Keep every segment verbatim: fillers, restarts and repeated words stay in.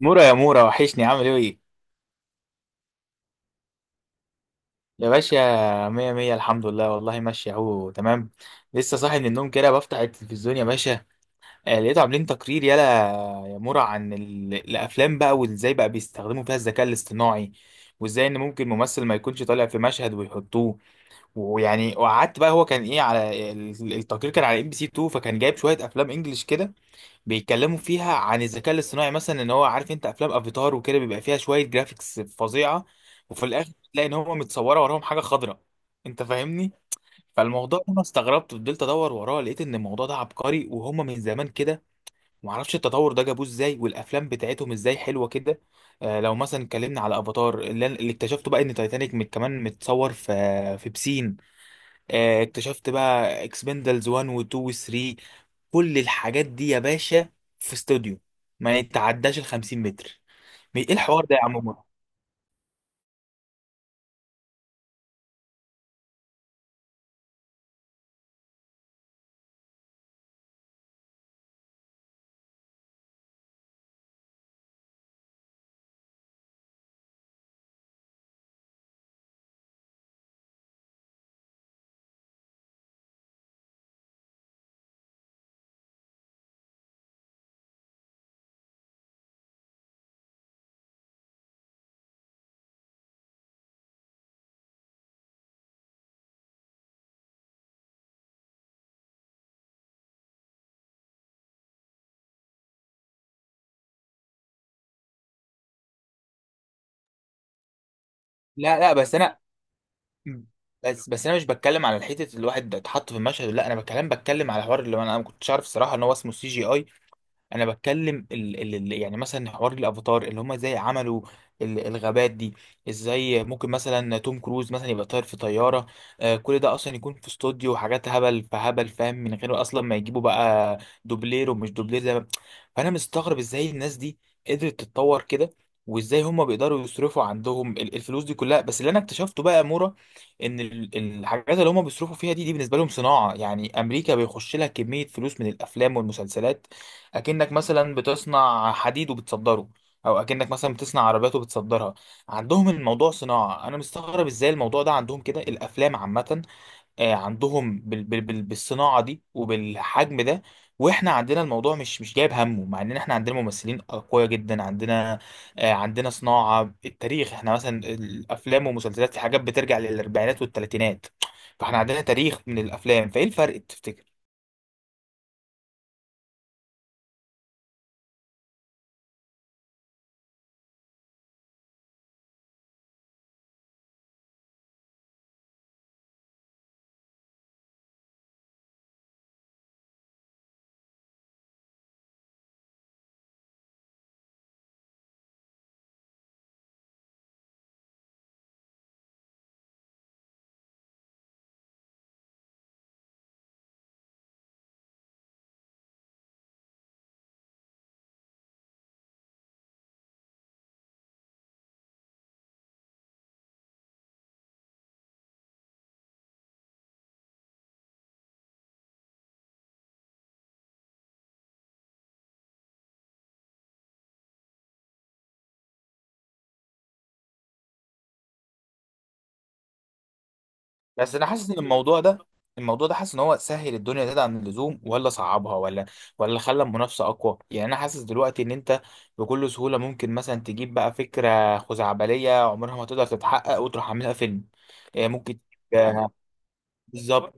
مورا يا مورا وحشني عامل ايه. يا باشا مية مية الحمد لله والله ماشي اهو تمام. لسه صاحي من النوم كده بفتح التلفزيون يا باشا. آه، لقيته عاملين تقرير يلا يا مورا عن ال- الافلام بقى وازاي بقى بيستخدموا فيها الذكاء الاصطناعي، وازاي ان ممكن ممثل ما يكونش طالع في مشهد ويحطوه. ويعني وقعدت بقى هو كان ايه على ال- التقرير، كان على ام بي سي اتنين فكان جايب شوية افلام انجلش كده بيتكلموا فيها عن الذكاء الاصطناعي. مثلا ان هو عارف انت افلام افاتار وكده بيبقى فيها شويه جرافيكس فظيعه، وفي الاخر تلاقي ان هم متصوره وراهم حاجه خضراء. انت فاهمني؟ فالموضوع ده انا استغربت، فضلت ادور وراه لقيت ان الموضوع ده عبقري وهم من زمان كده، ومعرفش التطور ده جابوه ازاي والافلام بتاعتهم ازاي حلوه كده. آه لو مثلا اتكلمنا على افاتار اللي, أنا- اللي اكتشفته بقى ان تايتانيك مت كمان متصور في في بسين. آه اكتشفت بقى اكسبندلز واحد و2 و3، كل الحاجات دي يا باشا في استوديو ما يتعداش ال خمسين متر. ايه الحوار ده يا عم مر؟ لا لا بس انا، بس بس انا مش بتكلم على الحته اللي الواحد اتحط في المشهد، لا انا بتكلم بتكلم على الحوار اللي انا أنا ما كنتش عارف الصراحه ان هو اسمه سي جي اي. انا بتكلم ال ال ال- يعني مثلا حوار الافاتار اللي هم ازاي عملوا ال- الغابات دي، ازاي ممكن مثلا توم كروز مثلا يبقى طاير في طياره. آه كل ده اصلا يكون في استوديو وحاجات هبل فهبل، فاهم؟ من غير اصلا ما يجيبوا بقى دوبلير ومش دوبلير زي ما. فانا مستغرب ازاي الناس دي قدرت تتطور كده، وازاي هم بيقدروا يصرفوا عندهم ال- الفلوس دي كلها. بس اللي انا اكتشفته بقى يا مورا ان ال- الحاجات اللي هم بيصرفوا فيها دي دي بالنسبه لهم صناعه. يعني امريكا بيخش لها كميه فلوس من الافلام والمسلسلات، اكنك مثلا بتصنع حديد وبتصدره، او اكنك مثلا بتصنع عربيات وبتصدرها. عندهم الموضوع صناعه، انا مستغرب ازاي الموضوع ده عندهم كده الافلام عامه. آه، عندهم بال بال بال بالصناعه دي وبالحجم ده، واحنا عندنا الموضوع مش مش جايب همه، مع ان احنا عندنا ممثلين اقوياء جدا. عندنا، آه، عندنا صناعه، التاريخ احنا مثلا الافلام والمسلسلات في حاجات بترجع للاربعينات والثلاثينات. فاحنا عندنا تاريخ من الافلام، فايه الفرق تفتكر؟ بس انا حاسس ان الموضوع ده، الموضوع ده حاسس ان هو سهل الدنيا زيادة عن اللزوم ولا صعبها، ولا ولا خلى المنافسه اقوى؟ يعني انا حاسس دلوقتي ان انت بكل سهوله ممكن مثلا تجيب بقى فكره خزعبليه عمرها ما تقدر تتحقق وتروح عاملها فيلم. آه، ممكن تجيب- آه، بالظبط.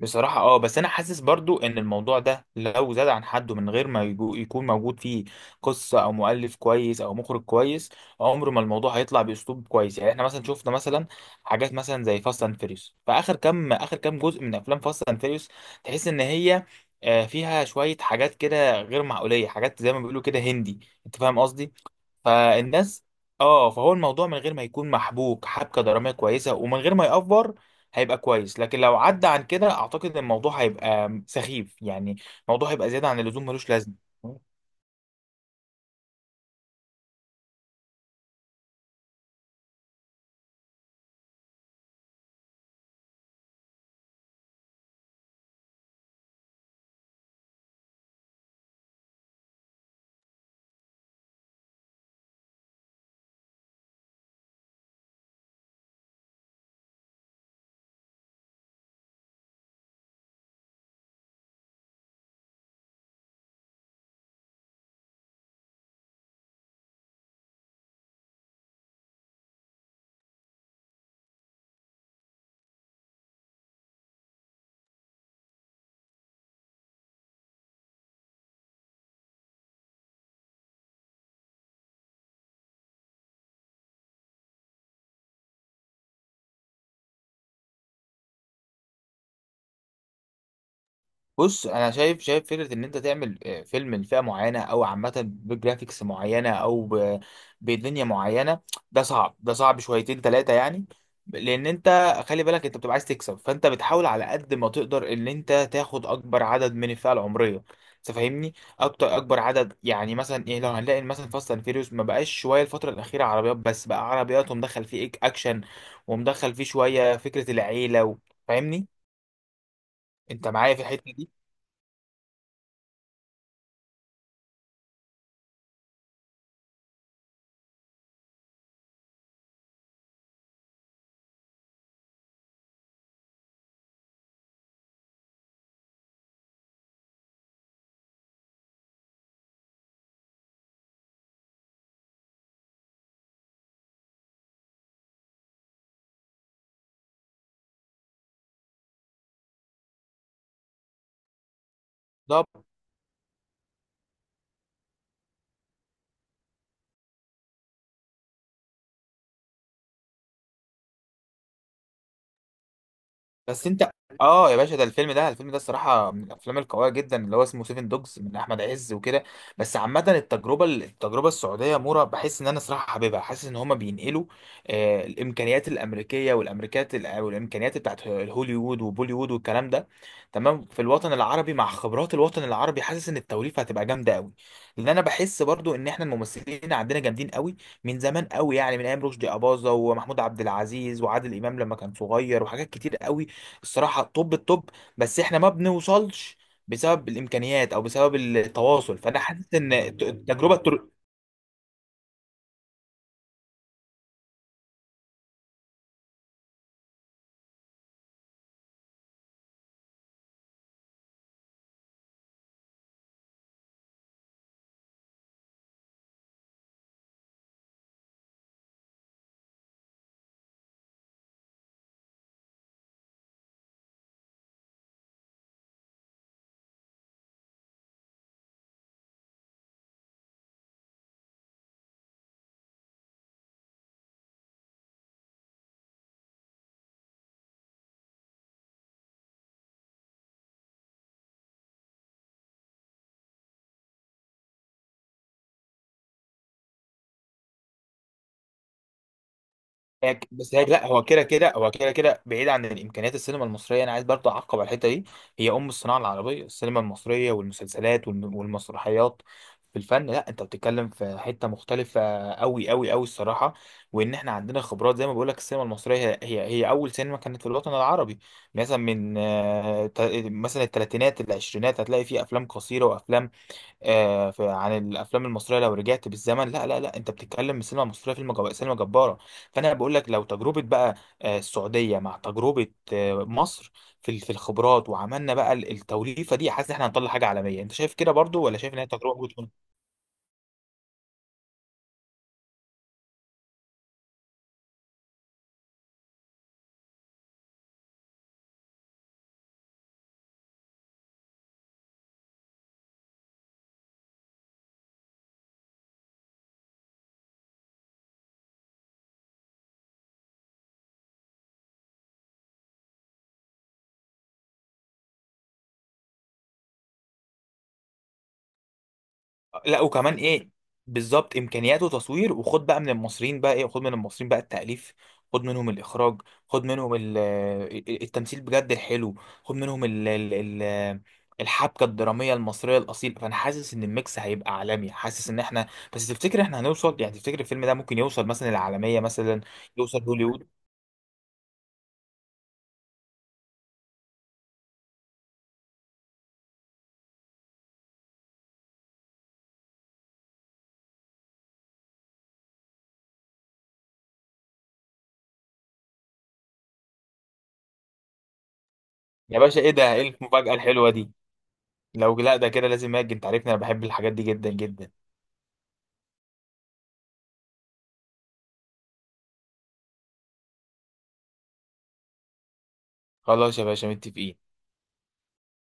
بصراحة اه، بس انا حاسس برضو ان الموضوع ده لو زاد عن حده من غير ما يجو- يكون موجود فيه قصة او مؤلف كويس او مخرج كويس، عمر ما الموضوع هيطلع باسلوب كويس. يعني احنا مثلا شفنا مثلا حاجات مثلا زي فاست اند فيريوس، فاخر كام اخر كام جزء من افلام فاست اند فيريوس تحس ان هي آه، فيها شوية حاجات كده غير معقولية، حاجات زي ما بيقولوا كده هندي. انت فاهم قصدي؟ فالناس، اه فهو الموضوع من غير ما يكون محبوك حبكة درامية كويسة ومن غير ما يأفور هيبقى كويس، لكن لو عدى عن كده اعتقد ان الموضوع هيبقى سخيف. يعني الموضوع هيبقى زيادة عن اللزوم ملوش لازمة. بص انا شايف شايف فكره ان انت تعمل آه، فيلم لفئه معينه او عامه بجرافيكس معينه او ب- بدنيا معينه، ده صعب ده صعب شويتين ثلاثه يعني. لان انت خلي بالك انت بتبقى عايز تكسب، فانت بتحاول على قد ما تقدر ان انت تاخد اكبر عدد من الفئه العمريه. انت فاهمني؟ اكتر اكبر عدد، يعني مثلا ايه لو هنلاقي مثلا فاست اند فيريوس ما بقاش شويه الفتره الاخيره عربيات بس، بقى عربيات ومدخل فيه إك- اكشن ومدخل فيه شويه فكره العيله و- فاهمني؟ انت معايا في الحته دي؟ بس انت، اه يا باشا ده الفيلم ده، الفيلم ده الصراحه من الافلام القويه جدا اللي هو اسمه سيفن دوجز من احمد عز وكده. بس عامه التجربه التجربه السعوديه مورا بحس ان انا صراحه حاببها، حاسس ان هما بينقلوا آه الامكانيات الامريكيه والامريكات الأ- والامكانيات بتاعت هوليوود وبوليوود والكلام ده، تمام؟ في الوطن العربي مع خبرات الوطن العربي حاسس ان التوليفه هتبقى جامده قوي، لان انا بحس برضو ان احنا الممثلين عندنا جامدين قوي من زمان قوي. يعني من ايام رشدي اباظه ومحمود عبد العزيز وعادل امام لما كان صغير، وحاجات كتير قوي الصراحه. طب الطب بس احنا ما بنوصلش بسبب الامكانيات او بسبب التواصل، فانا حاسس ان التجربه، هيك- بس هيك لا هو كده كده، هو كده كده بعيد عن الامكانيات السينما المصريه، انا عايز برضه اعقب على الحته دي. هي ام الصناعه العربيه، السينما المصريه والمسلسلات والم- والمسرحيات في الفن. لا انت بتتكلم في حته مختلفه قوي قوي قوي الصراحه، وان احنا عندنا خبرات. زي ما بقول لك السينما المصريه هي هي هي اول سينما كانت في الوطن العربي. مثلا من آه، تا- مثلا الثلاثينات العشرينات هتلاقي فيه افلام قصيره وافلام آه، في عن الافلام المصريه لو رجعت بالزمن. لا لا لا انت بتتكلم السينما المصريه فيلم جب... سينما جباره. فانا بقول لك لو تجربه بقى آه، السعوديه مع تجربه آه، مصر في ال- في الخبرات، وعملنا بقى ال- التوليفه دي، حاسس ان احنا هنطلع حاجه عالميه. انت شايف كده برضو ولا شايف ان هي تجربه؟ لا وكمان ايه، بالظبط امكانياته تصوير، وخد بقى من المصريين بقى ايه، خد من المصريين بقى التأليف، خد منهم الاخراج، خد منهم ال- آه، التمثيل بجد الحلو، خد منهم ال ال ال الحبكة الدرامية المصرية الأصيل. فأنا حاسس إن الميكس هيبقى عالمي، حاسس إن إحنا، بس تفتكر إحنا هنوصل؟ يعني تفتكر الفيلم ده ممكن يوصل مثلا العالمية، مثلا يوصل هوليوود؟ يا باشا إيه ده، إيه المفاجأة الحلوة دي؟ لو لا ده كده لازم أجي، أنت عارفني أنا بحب الحاجات دي جدا جدا. خلاص يا باشا متفقين